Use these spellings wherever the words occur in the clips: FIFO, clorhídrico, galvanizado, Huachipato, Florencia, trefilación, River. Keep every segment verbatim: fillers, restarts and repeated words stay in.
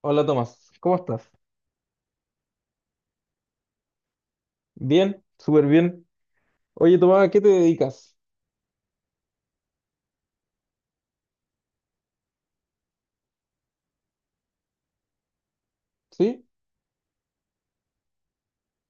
Hola Tomás, ¿cómo estás? Bien, súper bien. Oye Tomás, ¿a qué te dedicas? ¿Sí?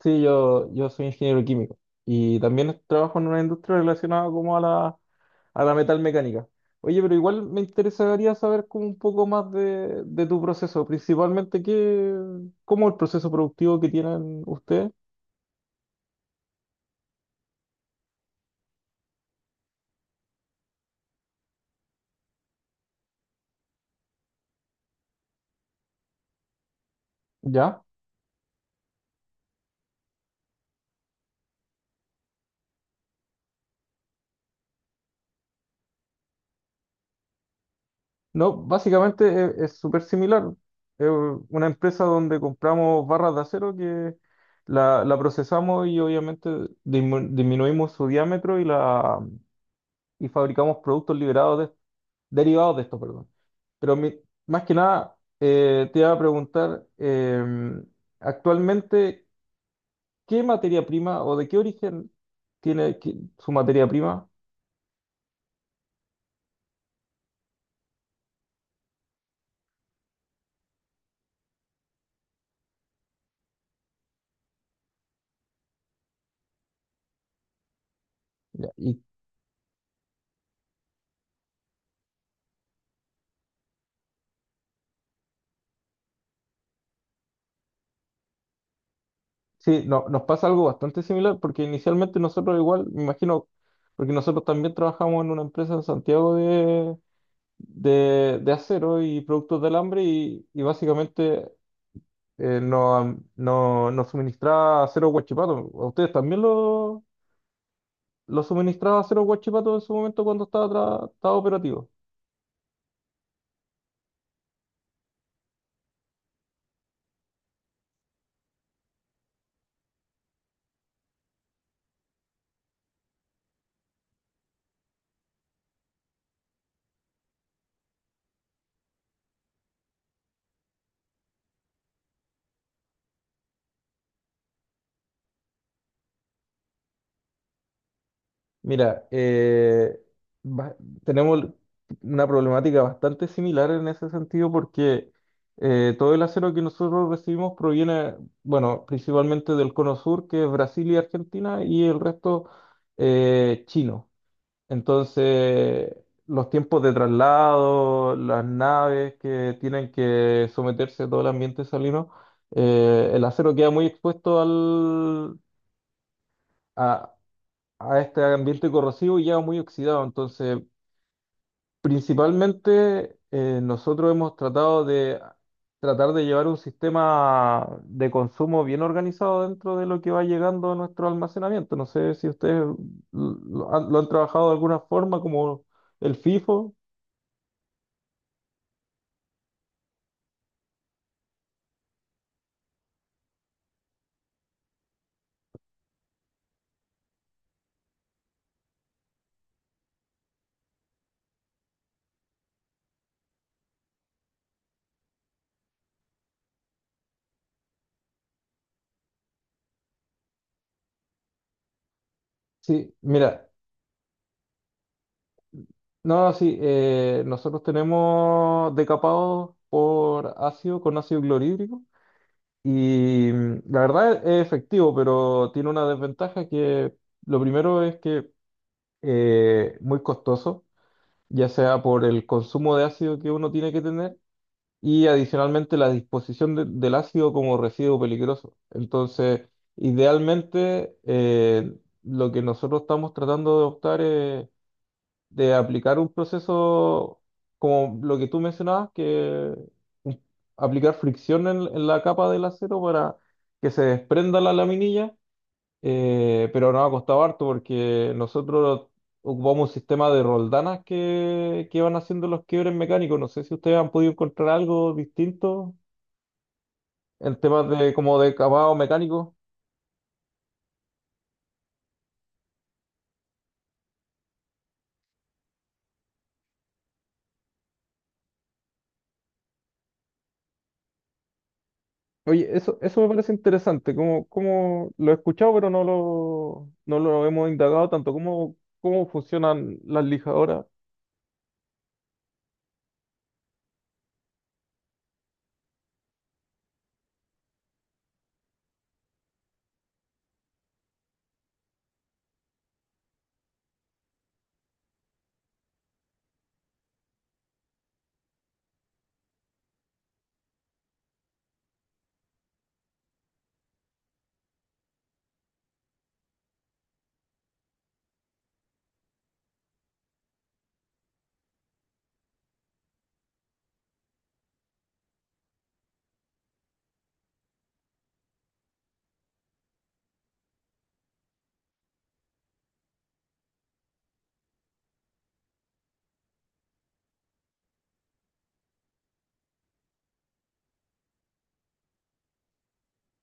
Sí, yo, yo soy ingeniero químico y también trabajo en una industria relacionada como a la, a la metalmecánica. Oye, pero igual me interesaría saber como un poco más de, de tu proceso, principalmente qué, cómo el proceso productivo que tienen ustedes. ¿Ya? No, básicamente es es súper similar. Es una empresa donde compramos barras de acero que la, la procesamos y obviamente dismu- disminuimos su diámetro y, la, y fabricamos productos liberados de- derivados de esto, perdón. Pero mi- Más que nada, eh, te iba a preguntar, eh, actualmente, ¿qué materia prima o de qué origen tiene qui- su materia prima? Ya, ¿y sí, no- nos pasa algo bastante similar porque inicialmente nosotros igual, me imagino, porque nosotros también trabajamos en una empresa en Santiago de, de, de acero y productos de alambre y, y básicamente eh, nos no, nos suministraba acero Huachipato. ¿A ustedes también lo, lo suministraba acero Huachipato en su momento cuando estaba, tra- estaba operativo? Mira, eh, ba- tenemos una problemática bastante similar en ese sentido porque eh, todo el acero que nosotros recibimos proviene, bueno, principalmente del Cono Sur, que es Brasil y Argentina, y el resto eh, chino. Entonces, los tiempos de traslado, las naves que tienen que someterse a todo el ambiente salino, eh, el acero queda muy expuesto al, a a este ambiente corrosivo y ya muy oxidado. Entonces, principalmente eh, nosotros hemos tratado de tratar de llevar un sistema de consumo bien organizado dentro de lo que va llegando a nuestro almacenamiento. No sé si ustedes lo han, lo han trabajado de alguna forma, como el FIFO. Sí, mira, no, sí, eh, nosotros tenemos decapados por ácido, con ácido clorhídrico. Y mm, la verdad es efectivo, pero tiene una desventaja que lo primero es que eh, muy costoso, ya sea por el consumo de ácido que uno tiene que tener y adicionalmente la disposición de- del ácido como residuo peligroso. Entonces, idealmente eh, lo que nosotros estamos tratando de optar de aplicar un proceso como lo que tú mencionabas, que un- aplicar fricción en, en la capa del acero para que se desprenda la laminilla, eh, pero nos ha costado harto porque nosotros ocupamos un sistema de roldanas que, que van haciendo los quiebres mecánicos. No sé si ustedes han podido encontrar algo distinto en temas de como de acabado mecánico. Oye, eso, eso me parece interesante, como, como lo he escuchado, pero no lo, no lo hemos indagado tanto, cómo, cómo funcionan las lijadoras.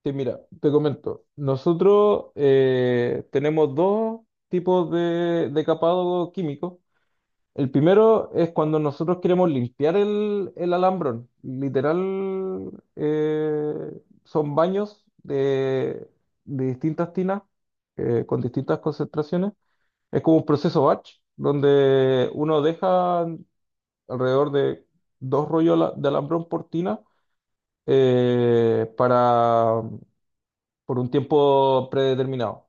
Sí, mira, te comento, nosotros eh, tenemos dos tipos de, de capado químico. El primero es cuando nosotros queremos limpiar el, el alambrón. Literal, eh, son baños de, de distintas tinas eh, con distintas concentraciones. Es como un proceso batch, donde uno deja alrededor de dos rollos ala- de alambrón por tina eh, para, por un tiempo predeterminado.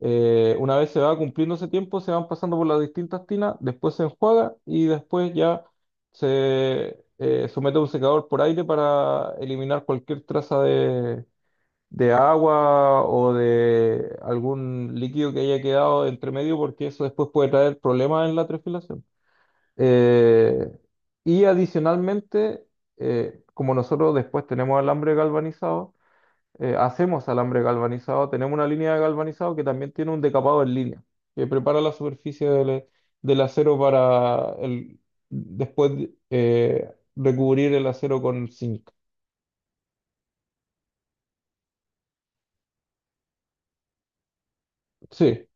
Eh, una vez se va cumpliendo ese tiempo, se van pasando por las distintas tinas, después se enjuaga y después ya se eh, somete a un secador por aire para eliminar cualquier traza de, de agua o de algún líquido que haya quedado entre medio, porque eso después puede traer problemas en la trefilación. Eh, y adicionalmente, eh, como nosotros después tenemos alambre galvanizado, eh, hacemos alambre galvanizado, tenemos una línea de galvanizado que también tiene un decapado en línea, que prepara la superficie del, del acero para el, después eh, recubrir el acero con zinc. Sí,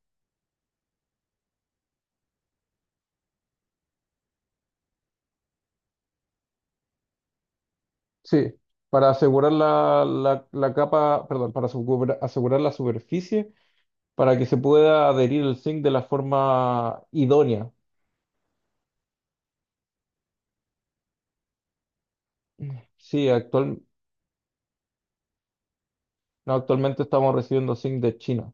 sí, para asegurar la, la- la capa, perdón, para asegura- asegurar la superficie, para que se pueda adherir el zinc de la forma idónea. Sí, actual, no, actualmente estamos recibiendo zinc de China.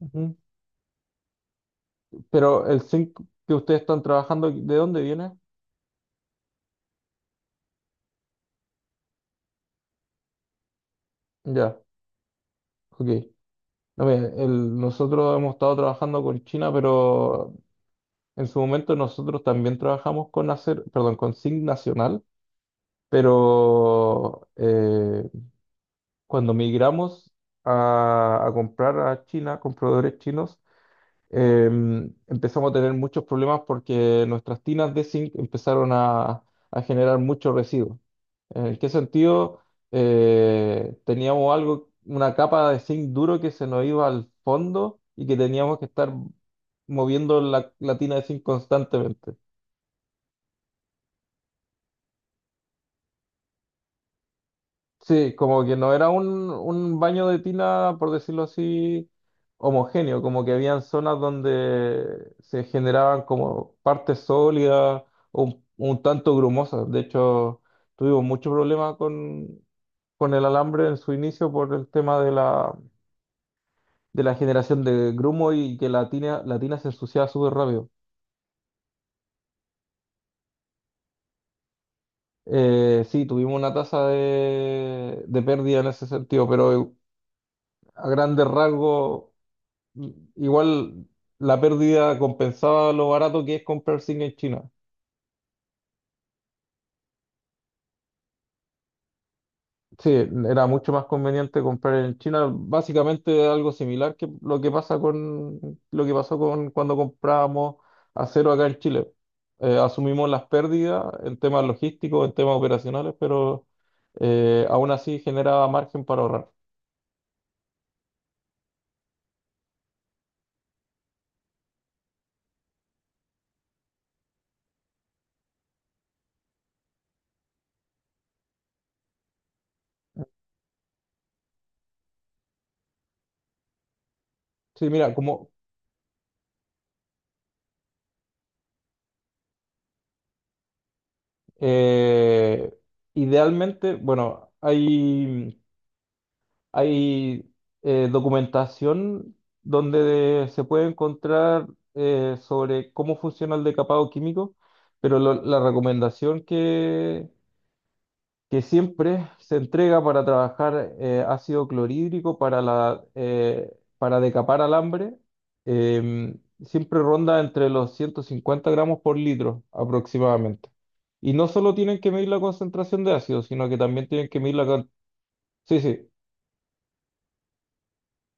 Ujú. Pero el zinc que ustedes están trabajando, ¿de dónde viene? Ya, ok. No, mira, el- nosotros hemos estado trabajando con China, pero en su momento nosotros también trabajamos con acer, perdón, con zinc nacional, pero eh, cuando migramos a, a comprar a China, compradores chinos, em, empezamos a tener muchos problemas porque nuestras tinas de zinc empezaron a, a generar mucho residuo. ¿En qué sentido? Eh, teníamos algo, una capa de zinc duro que se nos iba al fondo y que teníamos que estar moviendo la, la tina de zinc constantemente. Sí, como que no era un, un baño de tina, por decirlo así, homogéneo, como que habían zonas donde se generaban como partes sólidas, un, un tanto grumosas. De hecho, tuvimos mucho problema con, con el alambre en su inicio por el tema de la, de la generación de grumo y que la tina, la tina se ensuciaba súper rápido. Eh, sí, tuvimos una tasa de, de pérdida en ese sentido, pero a grandes rasgos, igual la pérdida compensaba lo barato que es comprar zinc en China. Sí, era mucho más conveniente comprar en China, básicamente algo similar que lo que pasa con lo que pasó con cuando comprábamos acero acá en Chile. Eh, asumimos las pérdidas en temas logísticos, en temas operacionales, pero eh, aún así generaba margen para ahorrar. Sí, mira, como eh, idealmente, bueno, hay Hay eh, documentación donde de- se puede encontrar eh, sobre cómo funciona el decapado químico, pero lo- la recomendación que, que siempre se entrega para trabajar eh, ácido clorhídrico para, la, eh, para decapar alambre eh, siempre ronda entre los ciento cincuenta gramos por litro aproximadamente. Y no solo tienen que medir la concentración de ácido, sino que también tienen que medir la... can- Sí, sí.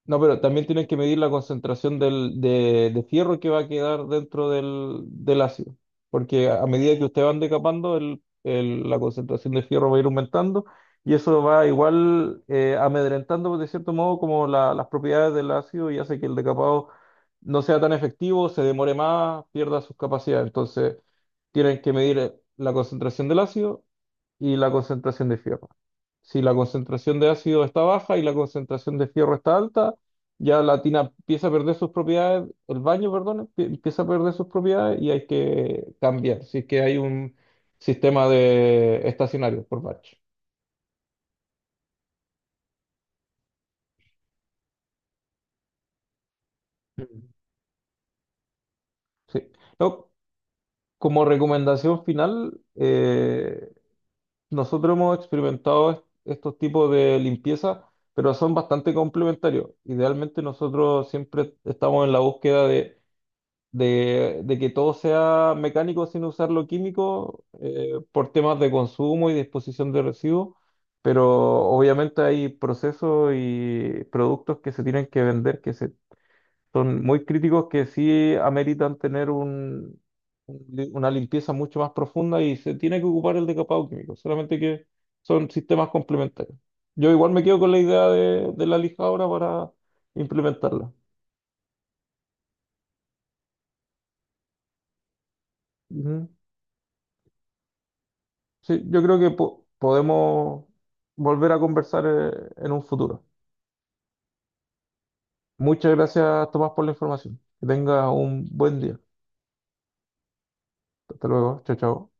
No, pero también tienes que medir la concentración del, de, de fierro que va a quedar dentro del, del ácido, porque a medida que ustedes van decapando, el- el- la concentración de fierro va a ir aumentando y eso va igual eh, amedrentando pues, de cierto modo como la- las propiedades del ácido y hace que el decapado no sea tan efectivo, se demore más, pierda sus capacidades. Entonces, tienen que medir eh, la concentración del ácido y la concentración de fierro. Si la concentración de ácido está baja y la concentración de fierro está alta, ya la tina empieza a perder sus propiedades, el baño, perdón, empie- empieza a perder sus propiedades y hay que cambiar. Si es que hay un sistema de estacionario por batch. Mm. Sí. No, como recomendación final, eh, nosotros hemos experimentado est- estos tipos de limpieza, pero son bastante complementarios. Idealmente nosotros siempre estamos en la búsqueda de de, de que todo sea mecánico sin usar lo químico eh, por temas de consumo y disposición de residuos, pero obviamente hay procesos y productos que se tienen que vender que se, son muy críticos que sí ameritan tener un, un li- una limpieza mucho más profunda y se tiene que ocupar el decapado químico, solamente que son sistemas complementarios. Yo igual me quedo con la idea de, de la lijadora para implementarla. Sí, yo creo que po- podemos volver a conversar eh, en un futuro. Muchas gracias, Tomás, por la información. Que tengas un buen día. Hasta luego. Chao, chao.